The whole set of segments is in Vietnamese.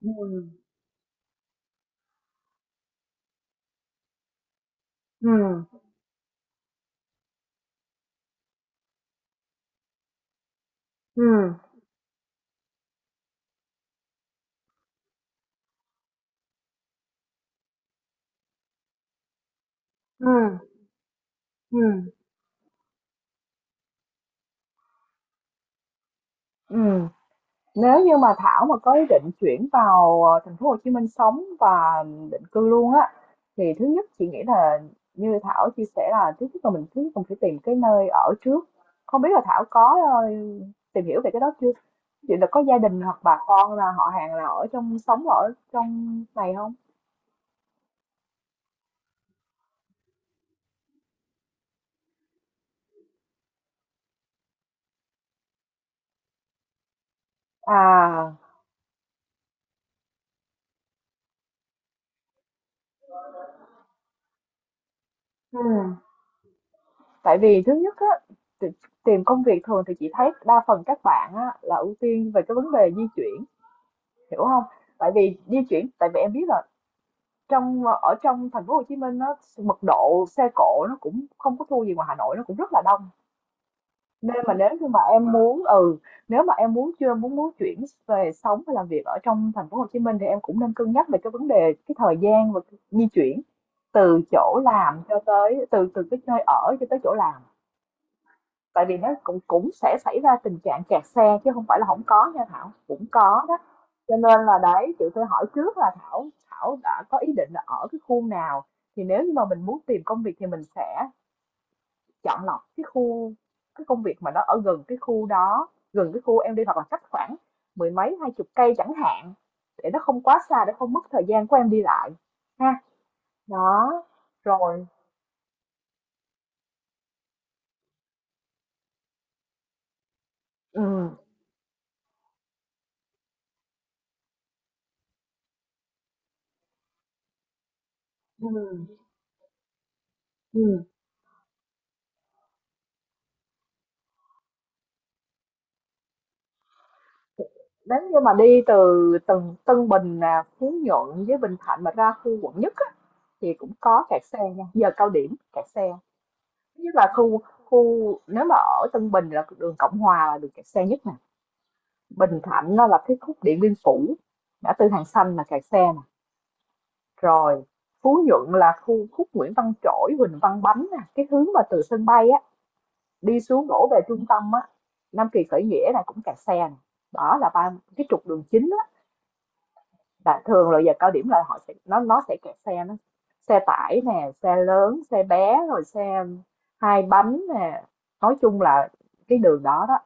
Ừ, ừ, ừ, ừ, ừ, ừm. Nếu như mà Thảo mà có ý định chuyển vào, thành phố Hồ Chí Minh sống và định cư luôn á, thì thứ nhất chị nghĩ là như Thảo chia sẻ là thứ nhất là mình thứ nhất mình phải tìm cái nơi ở trước. Không biết là Thảo có, tìm hiểu về cái đó chưa? Chị là có gia đình hoặc bà con là họ hàng là ở trong sống ở trong này không? À, ừ. Tại vì thứ nhất á, tì- tìm công việc thường thì chị thấy đa phần các bạn á, là ưu tiên về cái vấn đề di chuyển, hiểu không? Tại vì di chuyển, tại vì em biết là ở trong thành phố Hồ Chí Minh nó mật độ xe cộ nó cũng không có thua gì ngoài Hà Nội, nó cũng rất là đông. Nên mà nếu như mà em muốn ừ, nếu mà em muốn chưa muốn muốn chuyển về sống và làm việc ở trong thành phố Hồ Chí Minh thì em cũng nên cân nhắc về cái vấn đề cái thời gian và cái di chuyển từ cái nơi ở cho tới chỗ làm. Tại vì nó cũng cũng sẽ xảy ra tình trạng kẹt xe chứ không phải là không có nha Thảo, cũng có đó. Cho nên là đấy, chị hỏi trước là Thảo Thảo đã có ý định là ở cái khu nào, thì nếu như mà mình muốn tìm công việc thì mình sẽ chọn lọc cái công việc mà nó ở gần cái khu đó, gần cái khu em đi, hoặc là cách khoảng mười mấy, hai chục cây chẳng hạn, để nó không quá xa, để không mất thời gian của em đi lại, ha. Đó, rồi. ừm, ừm, ừm. Nếu như mà đi từ Tân Tân Bình nè, Phú Nhuận với Bình Thạnh mà ra khu quận nhất á, thì cũng có kẹt xe nha, giờ cao điểm kẹt xe. Thứ nhất là khu khu nếu mà ở Tân Bình là đường Cộng Hòa là đường kẹt xe nhất nè. Bình Thạnh nó là cái khúc Điện Biên Phủ, ngã tư Hàng Xanh là kẹt xe nè. Rồi Phú Nhuận là khu khúc Nguyễn Văn Trỗi, Huỳnh Văn Bánh nè, cái hướng mà từ sân bay á đi xuống đổ về trung tâm á, Nam Kỳ Khởi Nghĩa là cũng kẹt xe nè. Đó là ba cái trục đường chính là thường là giờ cao điểm là họ sẽ nó sẽ kẹt xe, nó xe tải nè, xe lớn xe bé, rồi xe hai bánh nè, nói chung là cái đường đó đó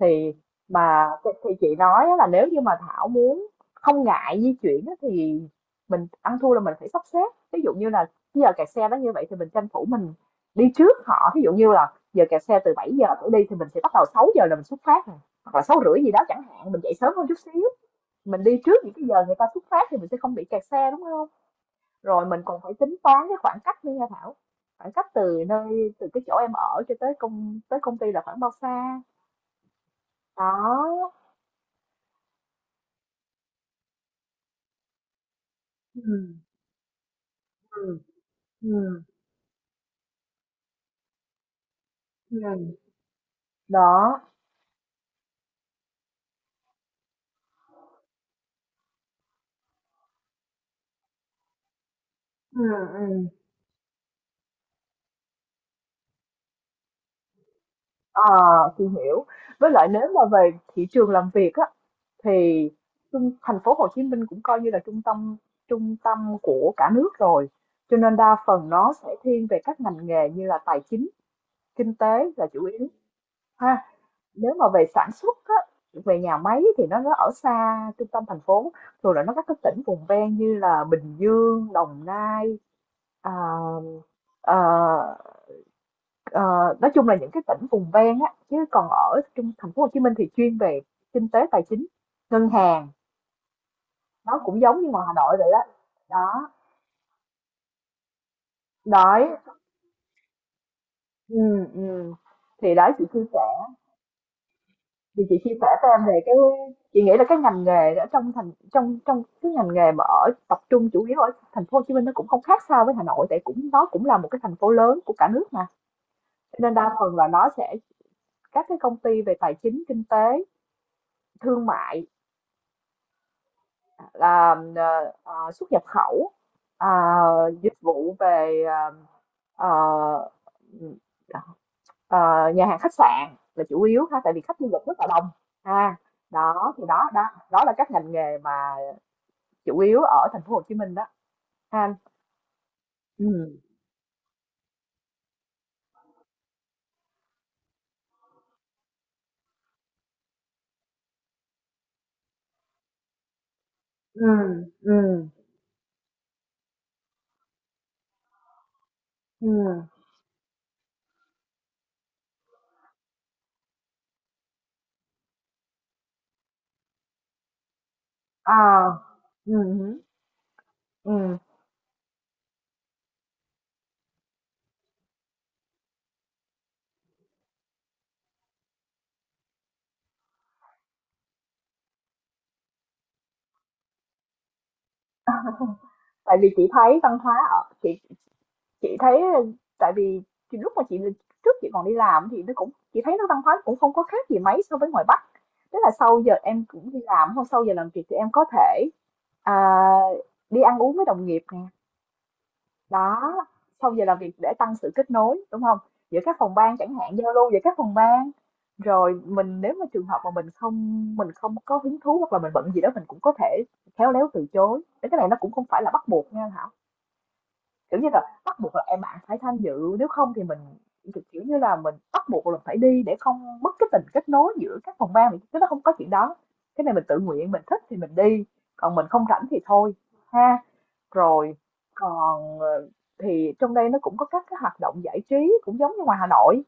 thì mà thì chị nói á, là nếu như mà Thảo muốn không ngại di chuyển á thì mình ăn thua là mình phải sắp xếp, ví dụ như là cái giờ kẹt xe đó như vậy thì mình tranh thủ mình đi trước họ, ví dụ như là giờ kẹt xe từ 7 giờ trở đi thì mình sẽ bắt đầu 6 giờ là mình xuất phát rồi. Hoặc là sáu rưỡi gì đó chẳng hạn, mình dậy sớm hơn chút xíu, mình đi trước những cái giờ người ta xuất phát thì mình sẽ không bị kẹt xe đúng không. Rồi mình còn phải tính toán cái khoảng cách nữa nha Thảo, khoảng cách từ nơi từ cái chỗ em ở cho tới công ty là khoảng bao xa. Đó. Ừ, ừ, ừ, ừ. Đó. Ừ, ừ. ờ thì hiểu. Với lại nếu mà về thị trường làm việc á thì thành phố Hồ Chí Minh cũng coi như là trung tâm của cả nước rồi, cho nên đa phần nó sẽ thiên về các ngành nghề như là tài chính, kinh tế là chủ yếu, ha. Nếu mà về sản xuất á, về nhà máy thì nó ở xa trung tâm thành phố, rồi là nó các cái tỉnh vùng ven như là Bình Dương, Đồng Nai, à, ờ, ờ, nói chung là những cái tỉnh vùng ven á, chứ còn ở trung thành phố Hồ Chí Minh thì chuyên về kinh tế tài chính, ngân hàng, nó cũng giống như ngoài Hà Nội vậy đó. Đó, đấy. Ừ, ừ. Thì đấy chị chia sẻ Thì chị chia sẻ cho em về cái, chị nghĩ là cái ngành nghề ở trong thành trong trong cái ngành nghề mà ở tập trung chủ yếu ở thành phố Hồ Chí Minh nó cũng không khác sao với Hà Nội, tại cũng nó cũng là một cái thành phố lớn của cả nước mà. Cho nên đa phần là nó sẽ các cái công ty về tài chính, kinh tế, thương mại là xuất nhập khẩu, ờ, dịch vụ về ờ, ờ, nhà hàng khách sạn là chủ yếu ha, tại vì khách du lịch rất là đông, ha. Đó thì đó đó, đó là các ngành nghề mà chủ yếu ở thành phố Hồ Chí Minh đó anh. Ừm, ừm, ừm, ừm, à, hứm. Tại vì chị thấy văn hóa ở chị thấy, tại vì thì lúc mà chị còn đi làm thì nó cũng chị thấy nó văn hóa cũng không có khác gì mấy so với ngoài Bắc. Tức là sau giờ em cũng đi làm, không, sau giờ làm việc thì em có thể, à, đi ăn uống với đồng nghiệp nè, đó, sau giờ làm việc để tăng sự kết nối đúng không, giữa các phòng ban chẳng hạn, giao lưu giữa các phòng ban, rồi mình nếu mà trường hợp mà mình không có hứng thú hoặc là mình bận gì đó mình cũng có thể khéo léo từ chối. Thế cái này nó cũng không phải là bắt buộc nha Thảo, kiểu như là bắt buộc là em phải tham dự nếu không thì mình, kiểu kiểu như là mình bắt buộc là phải đi để không mất cái tình kết nối giữa các phòng ban, chứ nó không có chuyện đó. Cái này mình tự nguyện, mình thích thì mình đi, còn mình không rảnh thì thôi, ha. Rồi còn, thì trong đây nó cũng có các cái hoạt động giải trí cũng giống như ngoài Hà Nội,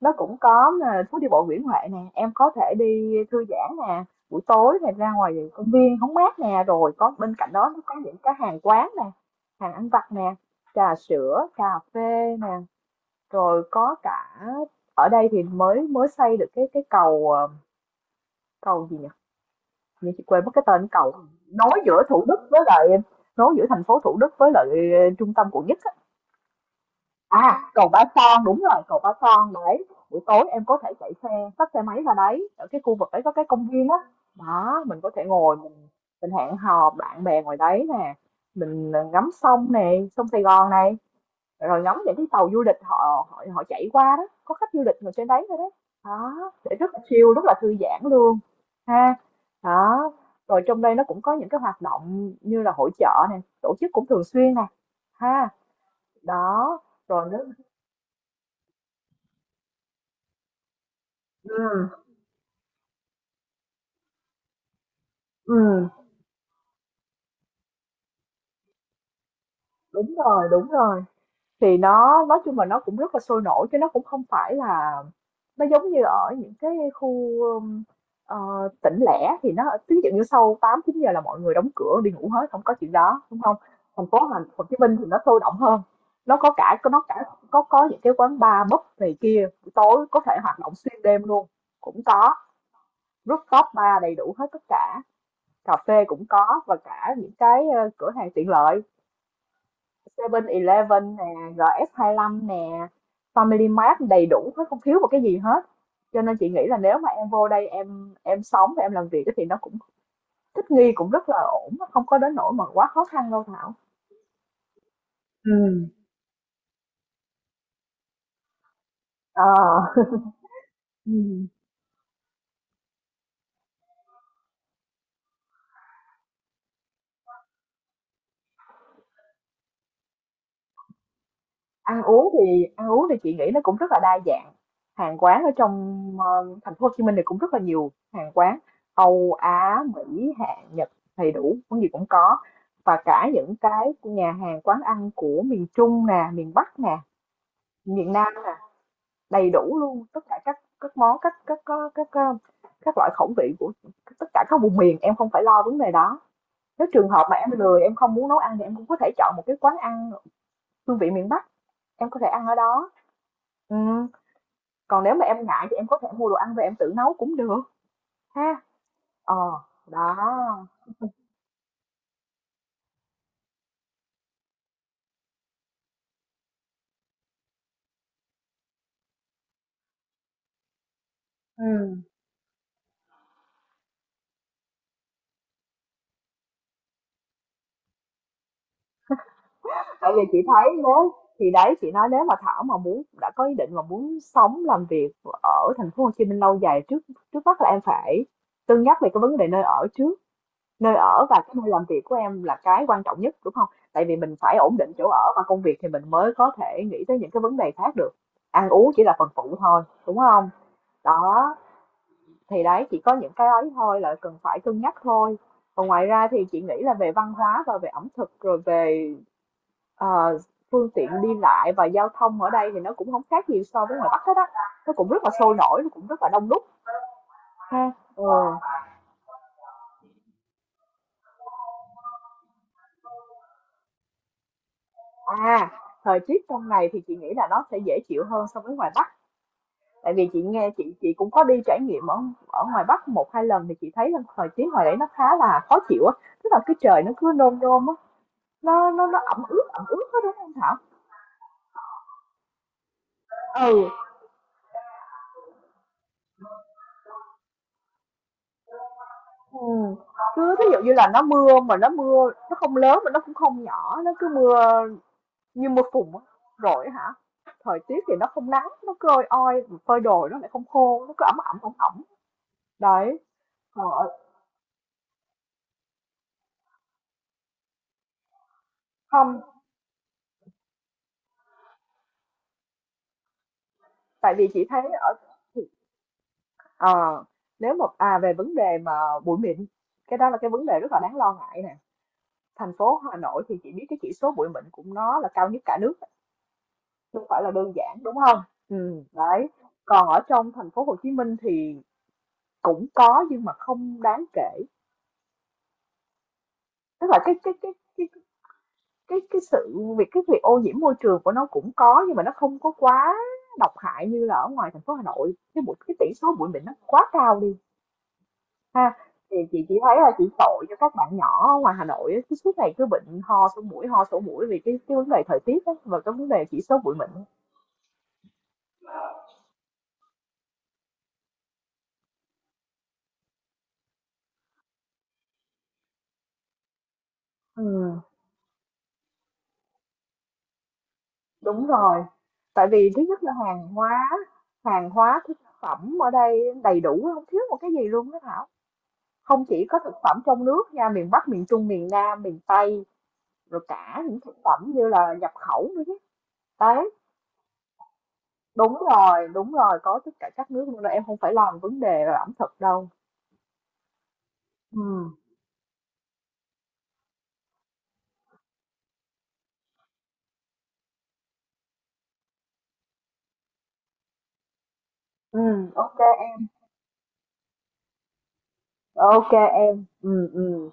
nó cũng có, phố đi bộ Nguyễn Huệ nè, em có thể đi thư giãn nè, buổi tối này ra ngoài công viên hóng mát nè, rồi có bên cạnh đó nó có những cái hàng quán nè, hàng ăn vặt nè, trà sữa, cà phê nè, rồi có cả ở đây thì mới mới xây được cái cầu, cầu gì nhỉ? Như chị quên mất cái tên cầu, nối giữa Thủ Đức với lại nối giữa thành phố Thủ Đức với lại trung tâm quận nhất. À, cầu Ba Son, đúng rồi, cầu Ba Son đấy. Buổi tối em có thể chạy xe, tắt xe máy ra đấy, ở cái khu vực đấy có cái công viên á. Đó, mình có thể ngồi mình hẹn hò bạn bè ngoài đấy nè, mình ngắm sông nè, sông Sài Gòn này, rồi ngắm những cái tàu du lịch họ họ họ chạy qua đó, có khách du lịch ngồi trên đấy thôi đấy. Đó, để rất là chill, rất là thư giãn luôn, ha. Đó. Rồi trong đây nó cũng có những cái hoạt động như là hội chợ nè, tổ chức cũng thường xuyên nè, ha. Đó, rồi nó. Ừ, ừm, đúng rồi, đúng rồi. Thì nó nói chung là nó cũng rất là sôi nổi chứ nó cũng không phải là, nó giống như ở những cái khu ờ, tỉnh lẻ thì nó ví dụ như sau 8 9 giờ là mọi người đóng cửa đi ngủ hết, không có chuyện đó, đúng không? Thành phố Hồ Chí Minh thì nó sôi động hơn. Nó có cả có nó cả có những cái quán bar pub này kia, buổi tối có thể hoạt động xuyên đêm luôn, cũng có. Rooftop bar đầy đủ hết tất cả, cà phê cũng có, và cả những cái cửa hàng tiện lợi 7-Eleven nè, RS25 nè, Family Mart đầy đủ hết, không thiếu một cái gì hết. Cho nên chị nghĩ là nếu mà em vô đây em sống và em làm việc thì nó cũng thích nghi cũng rất là ổn, nó không có đến nỗi mà quá khó khăn đâu Thảo. Ừ. Ờ. Ừ. Ăn uống thì chị nghĩ nó cũng rất là đa dạng. Hàng quán ở trong thành phố Hồ Chí Minh thì cũng rất là nhiều hàng quán Âu, Á, Mỹ, Hàn, Nhật đầy đủ, món gì cũng có. Và cả những cái nhà hàng quán ăn của miền Trung nè, miền Bắc nè, miền Nam nè, đầy đủ luôn tất cả các món các loại khẩu vị của tất cả các vùng miền, em không phải lo vấn đề đó. Nếu trường hợp mà em lười, em không muốn nấu ăn thì em cũng có thể chọn một cái quán ăn hương vị miền Bắc, em có thể ăn ở đó. Ừ, còn nếu mà em ngại thì em có thể mua đồ ăn về em tự nấu cũng được, ha. Ờ, đó. Ừ. Tại vì chị thấy nếu, thì đấy chị nói nếu mà Thảo mà muốn, đã có ý định mà muốn sống làm việc ở thành phố Hồ Chí Minh lâu dài, trước trước mắt là em phải cân nhắc về cái vấn đề nơi ở trước. Nơi ở và cái nơi làm việc của em là cái quan trọng nhất, đúng không, tại vì mình phải ổn định chỗ ở và công việc thì mình mới có thể nghĩ tới những cái vấn đề khác được. Ăn uống chỉ là phần phụ thôi đúng không. Đó, thì đấy chỉ có những cái ấy thôi là cần phải cân nhắc thôi. Còn ngoài ra thì chị nghĩ là về văn hóa và về ẩm thực, rồi về ờ, phương tiện đi lại và giao thông ở đây thì nó cũng không khác gì so với ngoài Bắc hết á. Nó cũng rất là sôi nổi, nó cũng rất là đông đúc, ha. Ừ. À, thời tiết trong này thì chị nghĩ là nó sẽ dễ chịu hơn so với ngoài Bắc. Tại vì chị nghe, chị cũng có đi trải nghiệm ở ở ngoài Bắc một hai lần thì chị thấy là thời tiết ngoài đấy nó khá là khó chịu á. Tức là cái trời nó cứ nôm nôm á, nó ẩm ướt, ẩm ướt hết, đúng không Thảo. Ừ, ừm, cứ thí dụ như là nó mưa, mà nó mưa nó không lớn mà nó cũng không nhỏ, nó cứ mưa như mưa phùn á. Rồi hả, thời tiết thì nó không nắng, nó cứ oi oi, phơi đồ nó lại không khô, nó cứ ẩm ẩm ẩm ẩm. Đấy, còn ở, không, tại vì chị thấy ở ờ, nếu mà à về vấn đề mà bụi mịn, cái đó là cái vấn đề rất là đáng lo ngại nè. Thành phố Hà Nội thì chị biết cái chỉ số bụi mịn cũng nó là cao nhất cả nước. Không phải là đơn giản, đúng không? Ừ. Đấy, còn ở trong thành phố Hồ Chí Minh thì cũng có nhưng mà không đáng kể, tức là cái cái sự việc, cái việc ô nhiễm môi trường của nó cũng có nhưng mà nó không có quá độc hại như là ở ngoài thành phố Hà Nội. Cái bụi, cái tỷ số bụi mịn nó quá cao đi, ha. Thì chị chỉ thấy là chị tội cho các bạn nhỏ ở ngoài Hà Nội á, cứ suốt ngày cứ bệnh ho sổ mũi vì cái vấn đề thời tiết á, và cái vấn đề chỉ số bụi mịn. Ừm. Đúng rồi. Tại vì thứ nhất là hàng hóa thực phẩm ở đây đầy đủ, không thiếu một cái gì luôn đó Thảo. Không chỉ có thực phẩm trong nước nha, miền Bắc, miền Trung, miền Nam, miền Tây, rồi cả những thực phẩm như là nhập khẩu nữa chứ. Đấy, đúng rồi, có tất cả các nước luôn đó. Em không phải lo về vấn đề là ẩm thực đâu. Ừ, ừ, ok em, ok em. Ừ, ừ.